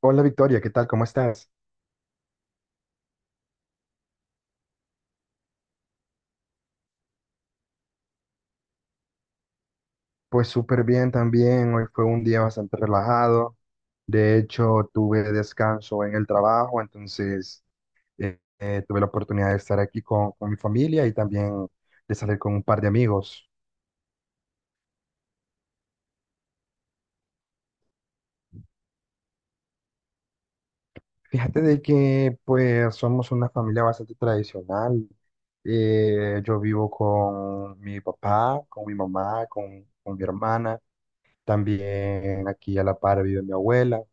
Hola Victoria, ¿qué tal? ¿Cómo estás? Pues súper bien también, hoy fue un día bastante relajado, de hecho tuve descanso en el trabajo, entonces tuve la oportunidad de estar aquí con mi familia y también de salir con un par de amigos. Fíjate de que pues somos una familia bastante tradicional, yo vivo con mi papá, con mi mamá, con mi hermana. También aquí a la par vive mi abuela.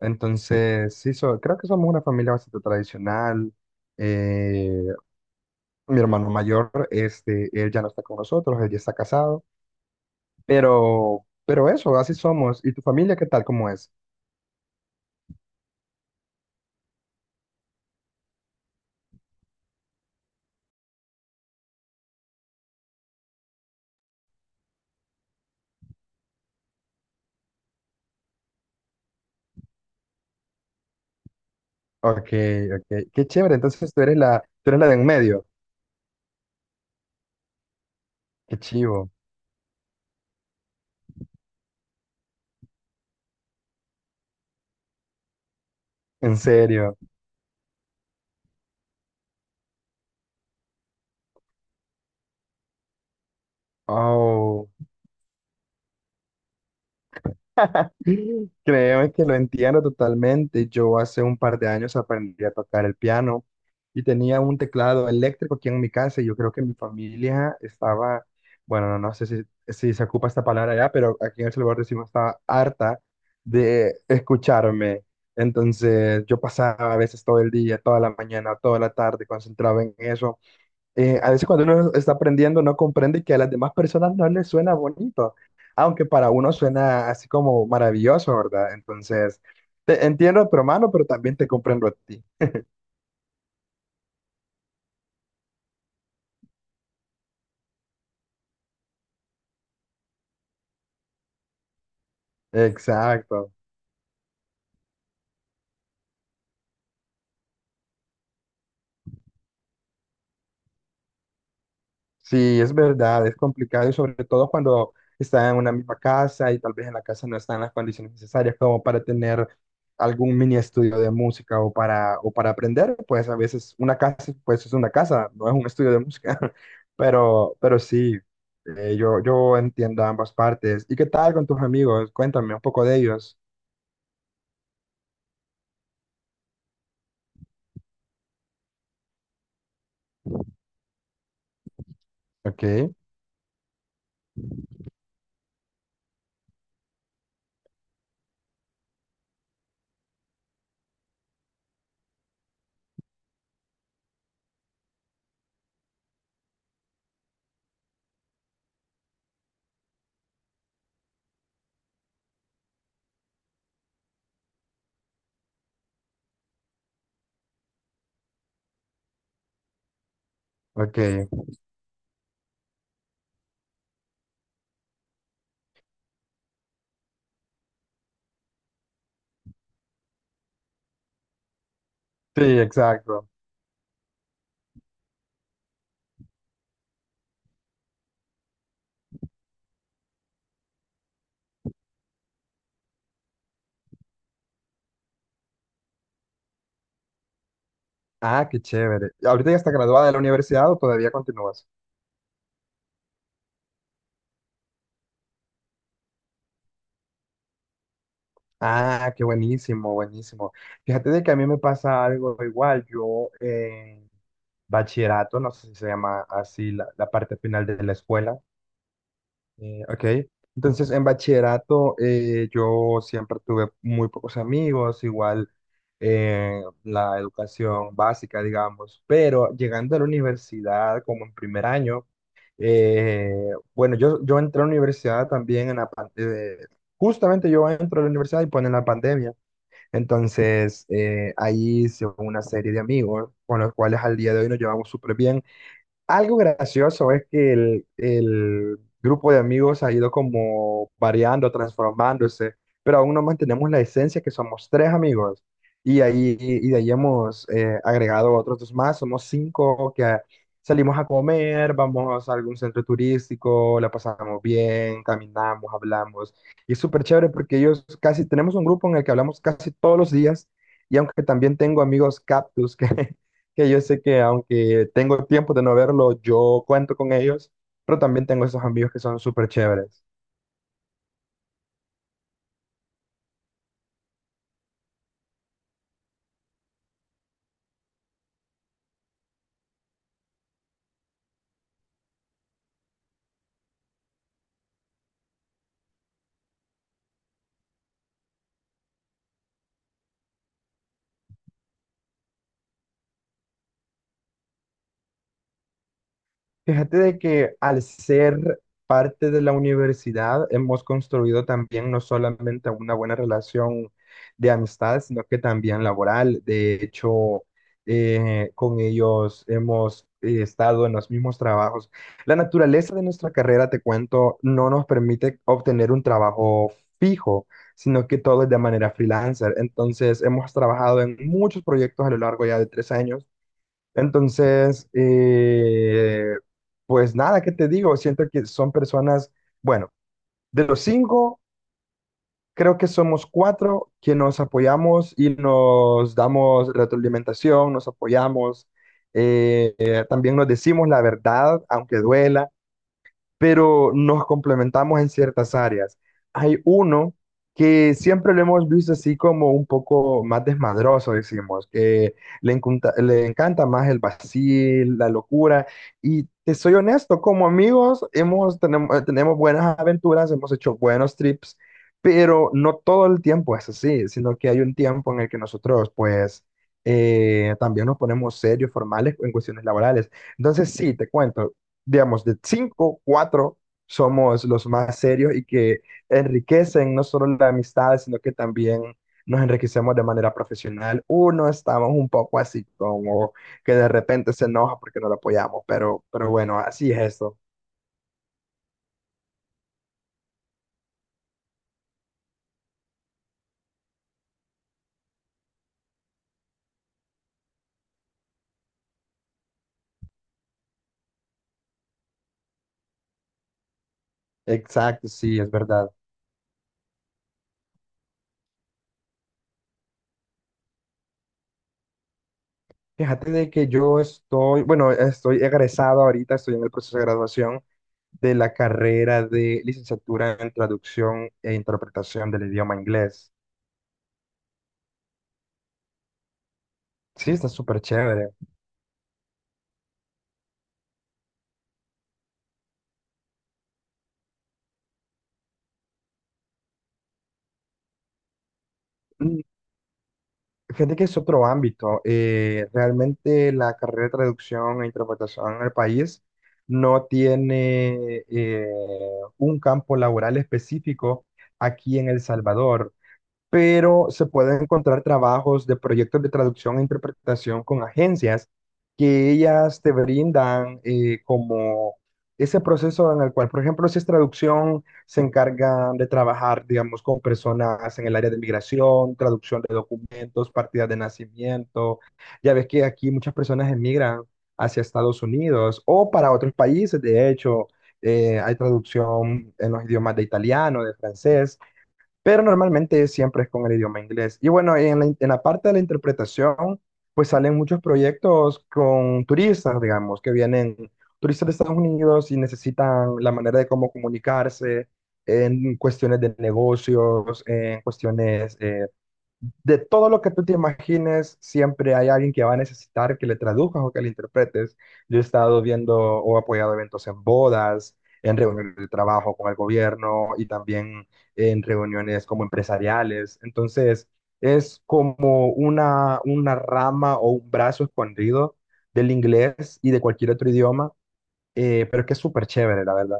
Entonces, sí, creo que somos una familia bastante tradicional. Eh, Mi hermano mayor, él ya no está con nosotros, él ya está casado, pero, eso, así somos. ¿Y tu familia qué tal? ¿Cómo es? Ok, ok, qué chévere. Entonces tú eres la de en medio. Qué chivo, en serio. Oh. Sí, créeme que lo entiendo totalmente. Yo hace un par de años aprendí a tocar el piano y tenía un teclado eléctrico aquí en mi casa y yo creo que mi familia estaba, bueno, no, no sé si se ocupa esta palabra ya, pero aquí en El Salvador decimos estaba harta de escucharme. Entonces yo pasaba a veces todo el día, toda la mañana, toda la tarde concentrado en eso. A veces cuando uno está aprendiendo no comprende que a las demás personas no les suena bonito, aunque para uno suena así como maravilloso, ¿verdad? Entonces, te entiendo a tu hermano, pero también te comprendo a ti. Exacto. Sí, es verdad, es complicado y sobre todo cuando están en una misma casa y tal vez en la casa no están las condiciones necesarias como para tener algún mini estudio de música o para aprender, pues a veces una casa, pues es una casa, no es un estudio de música, pero, sí, yo, entiendo ambas partes. ¿Y qué tal con tus amigos? Cuéntame un poco de ellos. Ok, ok. Sí, exacto. Ah, qué chévere. ¿Ahorita ya está graduada de la universidad o todavía continúas? Ah, qué buenísimo, buenísimo. Fíjate de que a mí me pasa algo igual. Yo en bachillerato, no sé si se llama así la parte final de la escuela, ¿ok? Entonces en bachillerato, yo siempre tuve muy pocos amigos, igual, la educación básica, digamos, pero llegando a la universidad como en primer año, bueno, yo, entré a la universidad también en la parte de. Justamente yo entro a la universidad y ponen la pandemia. Entonces, ahí hice una serie de amigos con los cuales al día de hoy nos llevamos súper bien. Algo gracioso es que el grupo de amigos ha ido como variando, transformándose, pero aún no mantenemos la esencia que somos tres amigos. Y de ahí hemos agregado otros dos más, somos cinco que salimos a comer, vamos a algún centro turístico, la pasamos bien, caminamos, hablamos. Y es súper chévere porque ellos casi, tenemos un grupo en el que hablamos casi todos los días. Y aunque también tengo amigos cactus que, que yo sé que aunque tengo tiempo de no verlo, yo cuento con ellos, pero también tengo esos amigos que son súper chéveres. Fíjate de que al ser parte de la universidad hemos construido también no solamente una buena relación de amistad, sino que también laboral. De hecho, con ellos hemos estado en los mismos trabajos. La naturaleza de nuestra carrera, te cuento, no nos permite obtener un trabajo fijo, sino que todo es de manera freelancer. Entonces, hemos trabajado en muchos proyectos a lo largo ya de 3 años, entonces, pues nada, ¿qué te digo? Siento que son personas, bueno, de los cinco, creo que somos cuatro que nos apoyamos y nos damos retroalimentación, nos apoyamos, también nos decimos la verdad, aunque duela, pero nos complementamos en ciertas áreas. Hay uno que siempre lo hemos visto así como un poco más desmadroso, decimos, que le encanta más el vacil, la locura, y te soy honesto, como amigos tenemos buenas aventuras, hemos hecho buenos trips, pero no todo el tiempo es así, sino que hay un tiempo en el que nosotros, pues, también nos ponemos serios, formales en cuestiones laborales. Entonces, sí, te cuento, digamos, de cinco, cuatro somos los más serios y que enriquecen no solo la amistad, sino que también nos enriquecemos de manera profesional. Uno estamos un poco así como que de repente se enoja porque no lo apoyamos, pero, bueno, así es eso. Exacto, sí, es verdad. Fíjate de que yo estoy, bueno, estoy egresado ahorita, estoy en el proceso de graduación de la carrera de licenciatura en traducción e interpretación del idioma inglés. Sí, está súper chévere. Fíjate que es otro ámbito. Realmente la carrera de traducción e interpretación en el país no tiene un campo laboral específico aquí en El Salvador, pero se pueden encontrar trabajos de proyectos de traducción e interpretación con agencias que ellas te brindan, como ese proceso en el cual, por ejemplo, si es traducción, se encargan de trabajar, digamos, con personas en el área de migración, traducción de documentos, partidas de nacimiento. Ya ves que aquí muchas personas emigran hacia Estados Unidos o para otros países, de hecho. Hay traducción en los idiomas de italiano, de francés, pero normalmente siempre es con el idioma inglés. Y bueno, en en la parte de la interpretación, pues salen muchos proyectos con turistas, digamos, que vienen turistas de Estados Unidos y necesitan la manera de cómo comunicarse en cuestiones de negocios, en cuestiones de todo lo que tú te imagines, siempre hay alguien que va a necesitar que le traduzcas o que le interpretes. Yo he estado viendo o apoyado eventos en bodas, en reuniones de trabajo con el gobierno y también en reuniones como empresariales. Entonces, es como una rama o un brazo escondido del inglés y de cualquier otro idioma, pero es que es súper chévere, la verdad.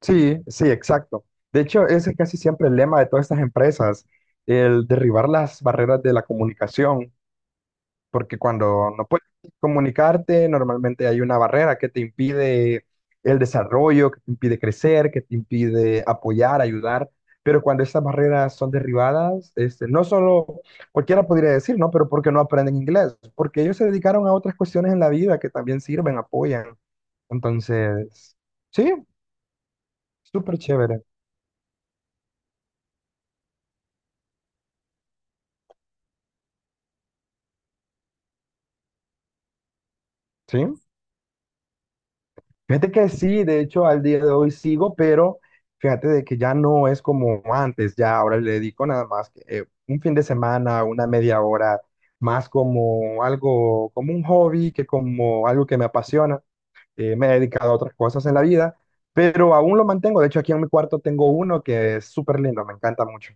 Sí, sí, exacto. De hecho, ese es casi siempre el lema de todas estas empresas, el derribar las barreras de la comunicación, porque cuando no puedes comunicarte, normalmente hay una barrera que te impide el desarrollo, que te impide crecer, que te impide apoyar, ayudar. Pero cuando estas barreras son derribadas, no solo cualquiera podría decir, ¿no? Pero porque no aprenden inglés, porque ellos se dedicaron a otras cuestiones en la vida que también sirven, apoyan. Entonces, sí, súper chévere, ¿sí? Fíjate que sí, de hecho al día de hoy sigo, pero fíjate de que ya no es como antes, ya ahora le dedico nada más que, un fin de semana, una media hora, más como algo, como un hobby que como algo que me apasiona. Me he dedicado a otras cosas en la vida, pero aún lo mantengo. De hecho aquí en mi cuarto tengo uno que es súper lindo, me encanta mucho.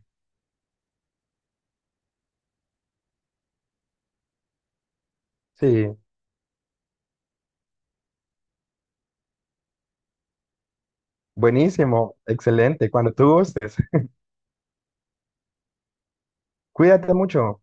Sí, buenísimo, excelente, cuando tú gustes. Cuídate mucho.